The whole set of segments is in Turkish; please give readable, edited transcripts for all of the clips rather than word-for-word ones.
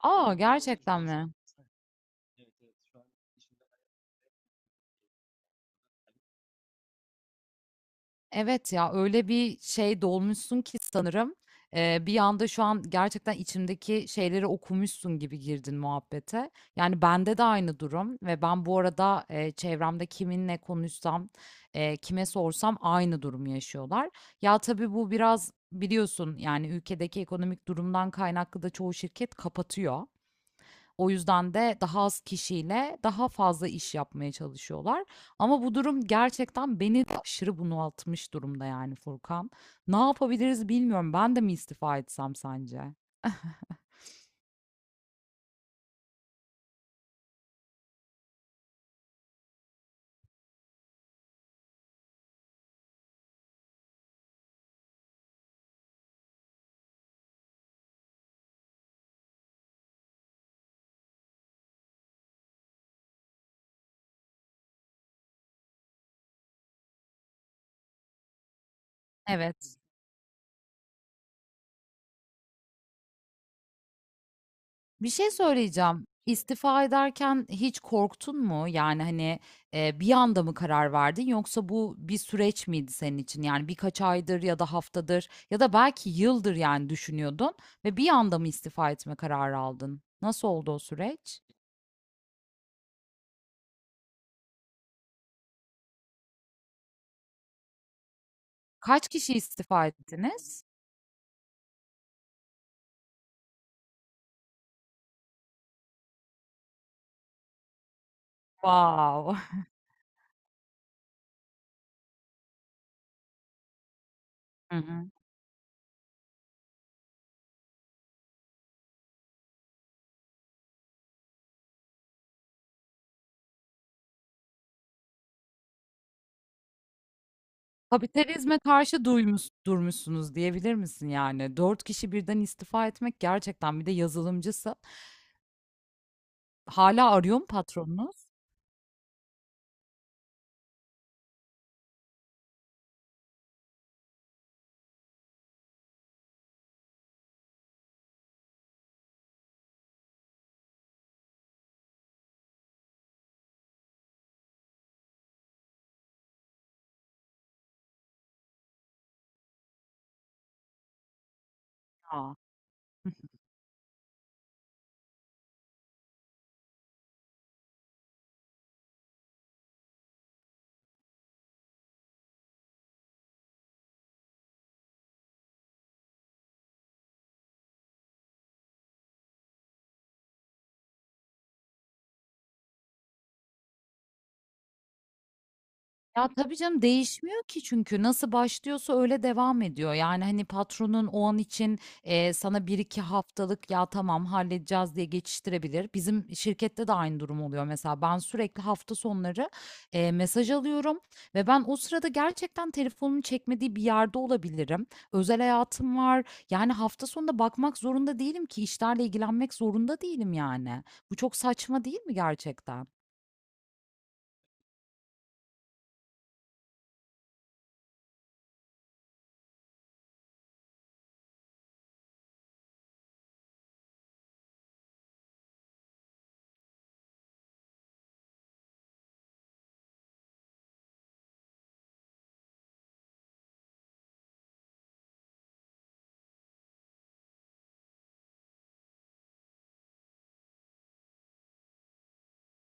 Aa, gerçekten mi? Evet ya, öyle bir şey dolmuşsun ki sanırım bir anda şu an gerçekten içimdeki şeyleri okumuşsun gibi girdin muhabbete. Yani bende de aynı durum ve ben bu arada çevremde kiminle konuşsam, kime sorsam aynı durumu yaşıyorlar. Ya tabii bu biraz biliyorsun yani ülkedeki ekonomik durumdan kaynaklı da çoğu şirket kapatıyor. O yüzden de daha az kişiyle daha fazla iş yapmaya çalışıyorlar. Ama bu durum gerçekten beni de aşırı bunaltmış durumda yani Furkan. Ne yapabiliriz bilmiyorum. Ben de mi istifa etsem sence? Evet. Bir şey söyleyeceğim. İstifa ederken hiç korktun mu? Yani, hani, bir anda mı karar verdin yoksa bu bir süreç miydi senin için? Yani birkaç aydır ya da haftadır ya da belki yıldır yani düşünüyordun ve bir anda mı istifa etme kararı aldın? Nasıl oldu o süreç? Kaç kişi istifa ettiniz? Wow. Hı hı. Kapitalizme karşı duymuş durmuşsunuz diyebilir misin yani? 4 kişi birden istifa etmek gerçekten, bir de yazılımcısın. Hala arıyor mu patronunuz? A! Ya, tabii canım, değişmiyor ki çünkü nasıl başlıyorsa öyle devam ediyor. Yani, hani, patronun o an için, sana bir iki haftalık "Ya, tamam, halledeceğiz." diye geçiştirebilir. Bizim şirkette de aynı durum oluyor mesela. Ben sürekli hafta sonları, mesaj alıyorum ve ben o sırada gerçekten telefonumun çekmediği bir yerde olabilirim. Özel hayatım var. Yani, hafta sonunda bakmak zorunda değilim ki, işlerle ilgilenmek zorunda değilim, yani. Bu çok saçma değil mi gerçekten?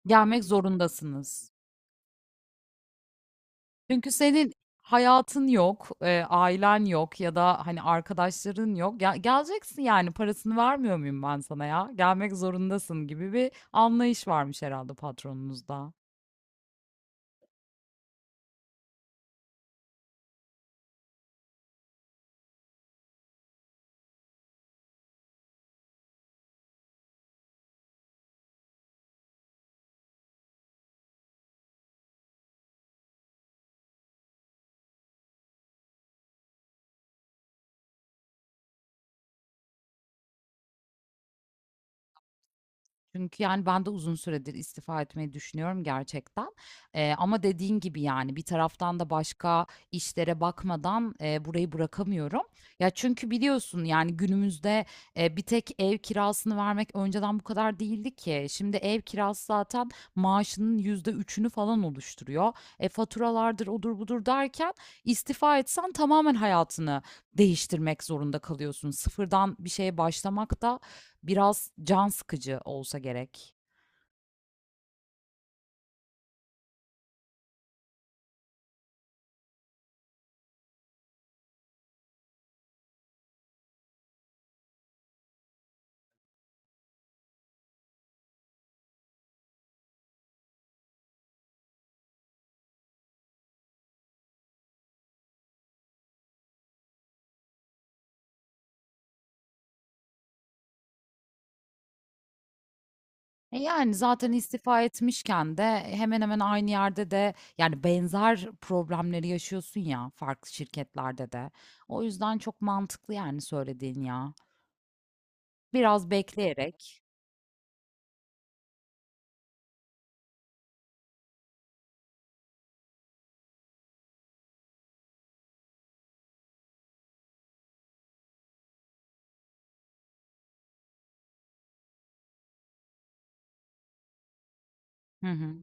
Gelmek zorundasınız. Çünkü senin hayatın yok, ailen yok ya da hani arkadaşların yok. Ya, geleceksin yani, parasını vermiyor muyum ben sana ya? Gelmek zorundasın gibi bir anlayış varmış herhalde patronunuzda. Çünkü yani ben de uzun süredir istifa etmeyi düşünüyorum gerçekten. Ama dediğin gibi yani bir taraftan da başka işlere bakmadan burayı bırakamıyorum. Ya çünkü biliyorsun yani günümüzde bir tek ev kirasını vermek önceden bu kadar değildi ki. Şimdi ev kirası zaten maaşının %3'ünü falan oluşturuyor. E, faturalardır odur budur derken istifa etsen tamamen hayatını değiştirmek zorunda kalıyorsun. Sıfırdan bir şeye başlamak da biraz can sıkıcı olsa gerek. E, yani zaten istifa etmişken de hemen hemen aynı yerde de yani benzer problemleri yaşıyorsun ya, farklı şirketlerde de. O yüzden çok mantıklı yani söylediğin ya. Biraz bekleyerek. Hı hı.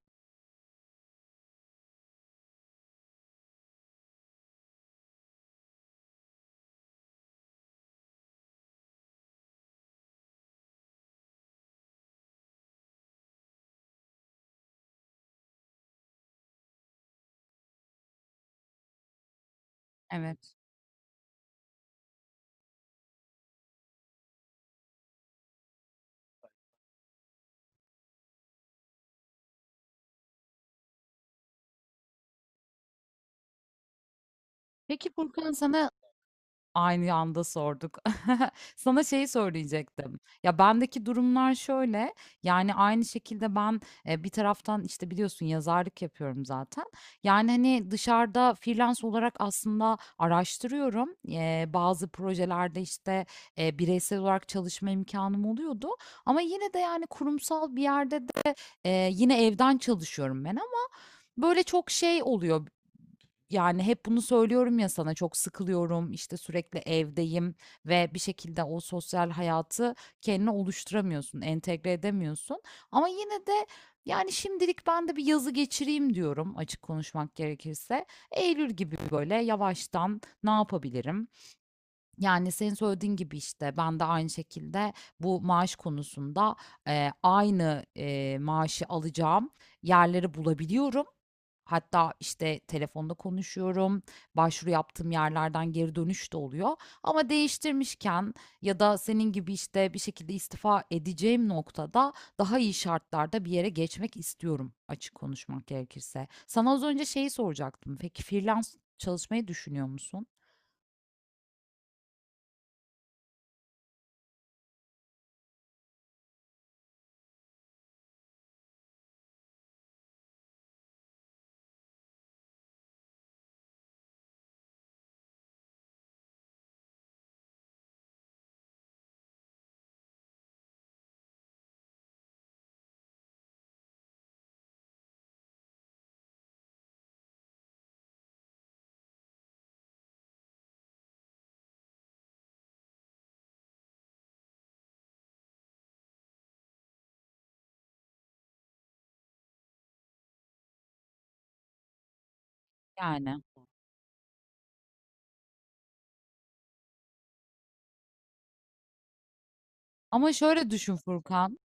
Evet. Peki Furkan, sana... Aynı anda sorduk. Sana şeyi söyleyecektim. Ya, bendeki durumlar şöyle, yani, aynı şekilde ben, bir taraftan, işte, biliyorsun yazarlık yapıyorum zaten. Yani, hani, dışarıda freelance olarak aslında araştırıyorum. Bazı projelerde, işte, bireysel olarak çalışma imkanım oluyordu ama yine de, yani, kurumsal bir yerde de, yine evden çalışıyorum ben, ama böyle çok şey oluyor yani. Hep bunu söylüyorum ya sana, çok sıkılıyorum işte, sürekli evdeyim ve bir şekilde o sosyal hayatı kendine oluşturamıyorsun, entegre edemiyorsun. Ama yine de yani şimdilik ben de bir yazı geçireyim diyorum açık konuşmak gerekirse. Eylül gibi böyle yavaştan ne yapabilirim? Yani senin söylediğin gibi işte ben de aynı şekilde bu maaş konusunda aynı maaşı alacağım yerleri bulabiliyorum. Hatta işte telefonda konuşuyorum, başvuru yaptığım yerlerden geri dönüş de oluyor. Ama değiştirmişken ya da senin gibi işte bir şekilde istifa edeceğim noktada daha iyi şartlarda bir yere geçmek istiyorum açık konuşmak gerekirse. Sana az önce şeyi soracaktım. Peki freelance çalışmayı düşünüyor musun? Yani. Ama şöyle düşün Furkan.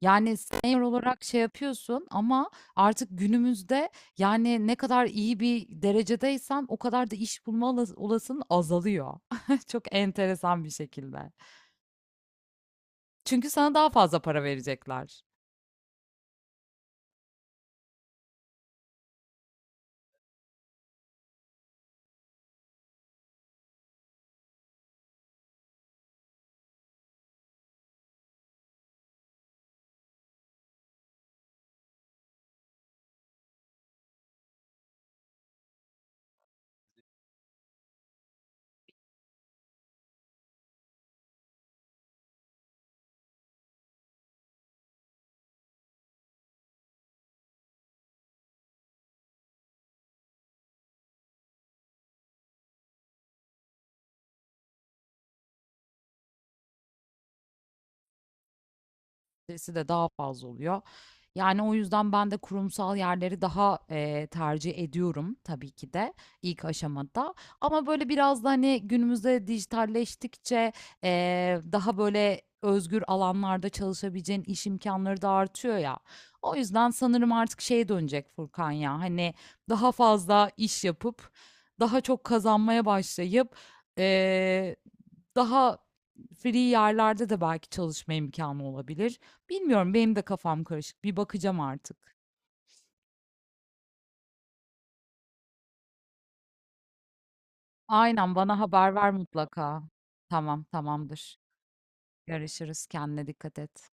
Yani senior olarak şey yapıyorsun ama artık günümüzde yani ne kadar iyi bir derecedeysen o kadar da iş bulma olasılığın azalıyor. Çok enteresan bir şekilde. Çünkü sana daha fazla para verecekler. Stresi de daha fazla oluyor. Yani o yüzden ben de kurumsal yerleri daha tercih ediyorum tabii ki de ilk aşamada. Ama böyle biraz da hani günümüzde dijitalleştikçe daha böyle özgür alanlarda çalışabileceğin iş imkanları da artıyor ya. O yüzden sanırım artık şeye dönecek Furkan, ya hani daha fazla iş yapıp daha çok kazanmaya başlayıp, eee, daha free yerlerde de belki çalışma imkanı olabilir. Bilmiyorum, benim de kafam karışık. Bir bakacağım artık. Aynen, bana haber ver mutlaka. Tamam, tamamdır. Görüşürüz. Kendine dikkat et.